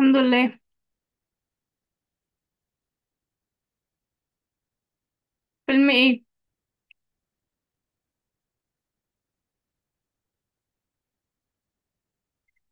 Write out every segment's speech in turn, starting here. الحمد لله. فيلم ايه؟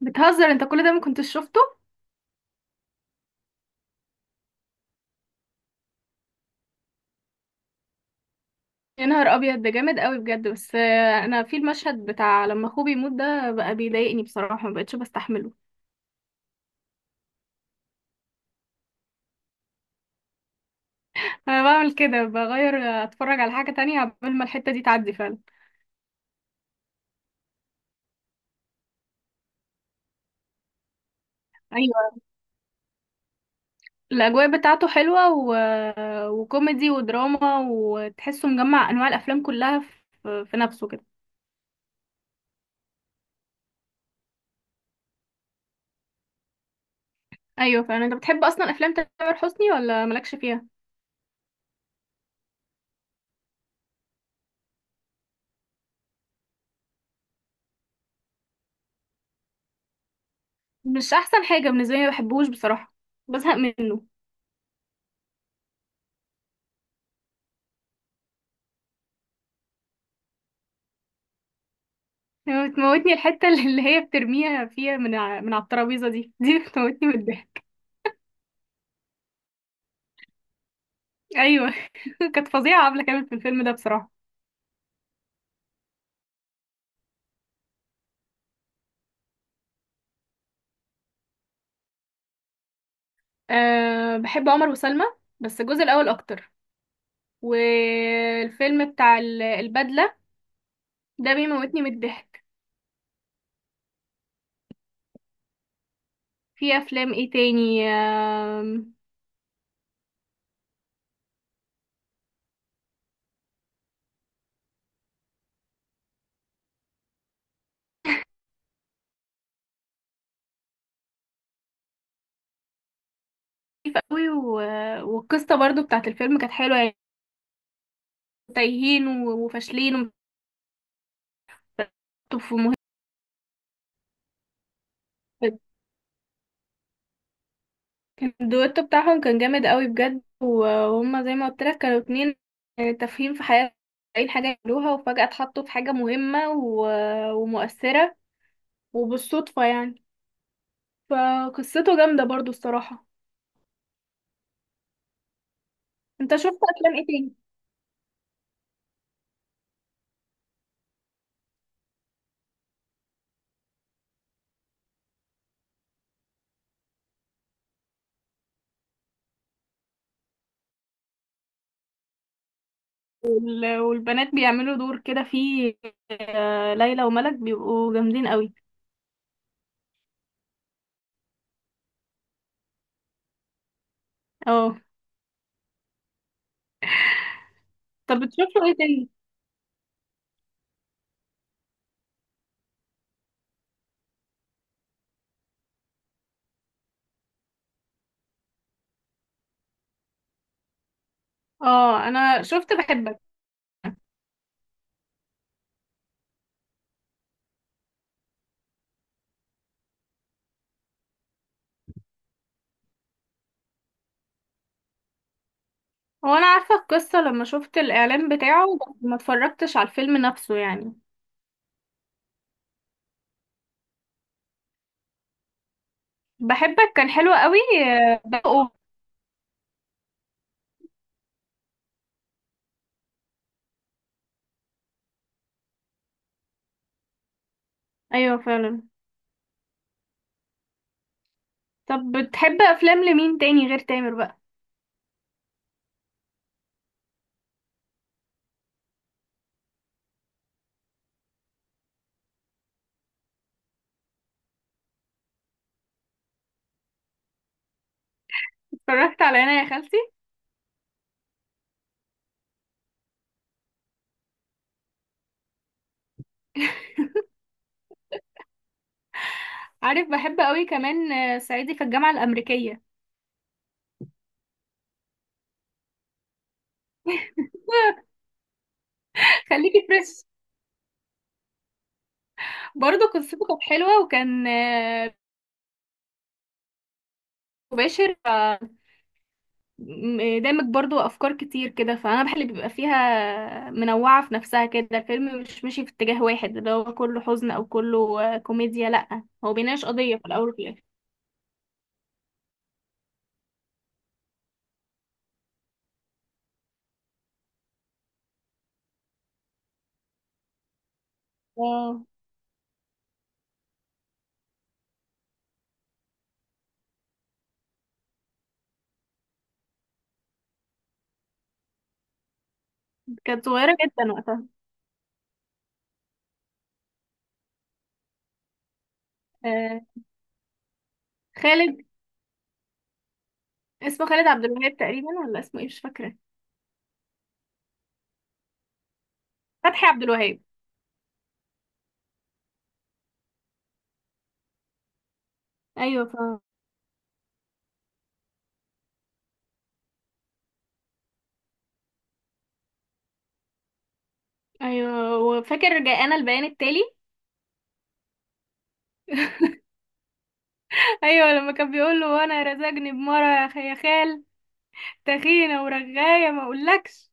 بتهزر انت، كل ده ما كنتش شفته. يا نهار ابيض، ده جامد قوي بجد، بس انا في المشهد بتاع لما اخوه بيموت ده بقى بيضايقني بصراحه، ما بقتش بستحمله. انا بعمل كده، بغير اتفرج على حاجه تانية قبل ما الحته دي تعدي فعلا. ايوه، الاجواء بتاعته حلوه وكوميدي ودراما، وتحسه مجمع انواع الافلام كلها في نفسه كده. ايوه فعلا. انت بتحب اصلا افلام تامر حسني ولا مالكش فيها؟ مش احسن حاجه بالنسبه لي، ما بحبهوش بصراحه، بزهق منه. بتموتني الحتة اللي هي بترميها فيها من من على الترابيزة، دي بتموتني من الضحك. ايوه. كانت فظيعة عبلة كامل في الفيلم ده بصراحة. أه، بحب عمر وسلمى، بس الجزء الأول أكتر. والفيلم بتاع البدلة ده بيموتني من الضحك. في أفلام ايه تاني؟ خفيف قوي والقصة برضو بتاعت الفيلم كانت حلوة يعني. تايهين وفاشلين وفي مهم. كان الدويتو بتاعهم كان جامد قوي بجد، وهم زي ما قلت لك كانوا اتنين تافهين في حياتهم، اي حاجة يعملوها، وفجأة اتحطوا في حاجة مهمة ومؤثرة وبالصدفة يعني. فقصته جامدة برضو الصراحة. انت شفت افلام ايه تاني؟ والبنات بيعملوا دور كده فيه، ليلى وملك بيبقوا جامدين قوي. اه. طب بتشوفوا ايه تاني؟ اه، انا شفت بحبك. هو انا عارفة القصة لما شفت الاعلان بتاعه، بس ما اتفرجتش على الفيلم نفسه يعني. بحبك كان حلو قوي بقى. ايوه فعلا. طب بتحب افلام لمين تاني غير تامر بقى؟ اتفرجت على انا يا خالتي. عارف بحب قوي كمان صعيدي في الجامعه الامريكيه. خليكي فريش. برضه قصته كانت حلوه، وكان مباشر، دامج برضه افكار كتير كده. فانا بحب اللي بيبقى فيها منوعه في نفسها كده، الفيلم مش ماشي في اتجاه واحد اللي هو كله حزن او كله كوميديا. لا، هو بيناقش قضيه في الاول وفي الاخر. آه، كانت صغيره جدا وقتها. آه، خالد. اسمه خالد عبد الوهاب تقريبا، ولا اسمه ايه مش فاكره. فتحي عبد الوهاب. ايوه ف... ايوه وفاكر جاءنا البيان التالي. ايوه، لما كان بيقول له وانا رزقني بمره يا يا خال، تخينه ورغايه ما اقولكش.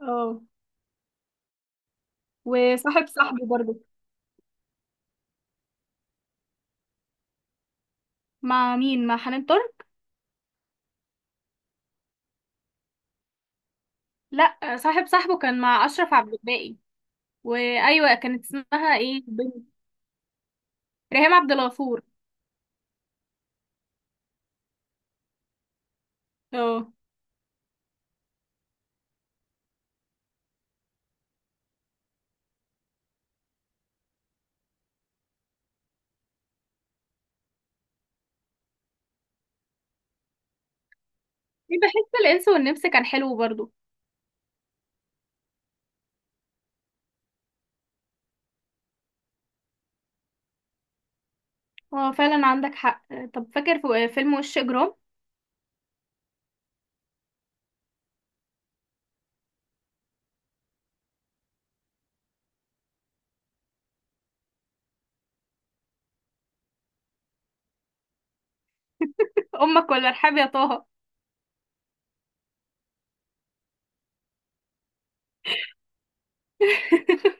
اه، وصاحب صاحبي برضه. مع مين؟ مع حنان ترك؟ لا، صاحب صاحبه كان مع اشرف عبد الباقي. وايوه كانت اسمها ايه بنت؟ ريهام عبد الغفور. اه بحس الانس والنمس كان حلو برضو. اه فعلا، عندك حق. طب فاكر في فيلم وش اجرام؟ امك ولا ارحاب يا طه؟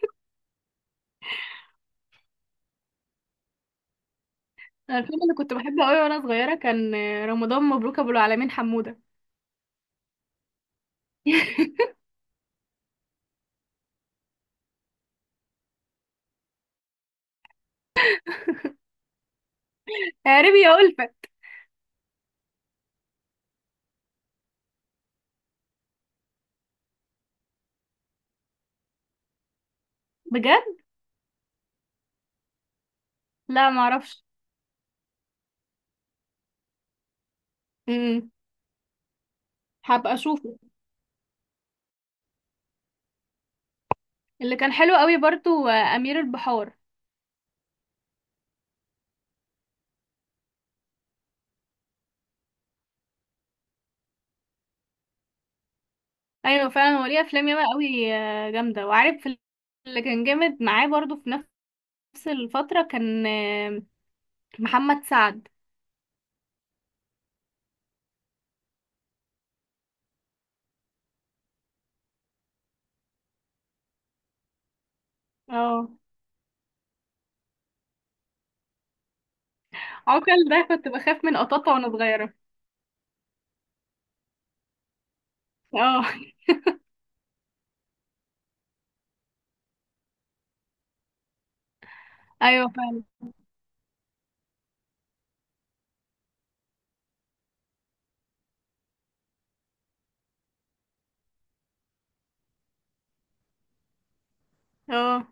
أنا الفيلم اللي كنت بحبه قوي وانا صغيره كان رمضان مبروك ابو العالمين حموده. يا ربي يا ألفت. بجد؟ لا ما اعرفش. امم. هبقى اشوفه. اللي كان حلو قوي برضو امير البحار. ايوه فعلا، هو ليه افلام ياما قوي جامده وعارف. اللي كان جامد معاه برضو في نفس الفتره كان محمد سعد. اه. عوكل ده كنت بخاف من قطاطا وانا صغيره. اه. ايوه فعلا. اه.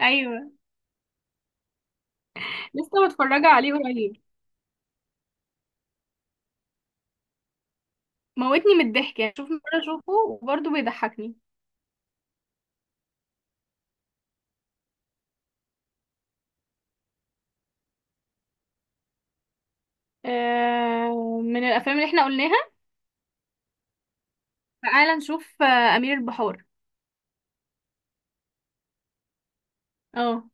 ايوه، لسه متفرجه عليه قريب. موتني من الضحك يعني، شوف مرة اشوفه وبرضه بيضحكني. آه، من الافلام اللي احنا قلناها، تعالى نشوف آه امير البحار. اه.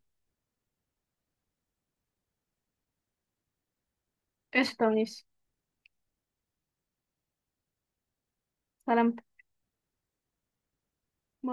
قشطة ماشي. سلامتك. باي.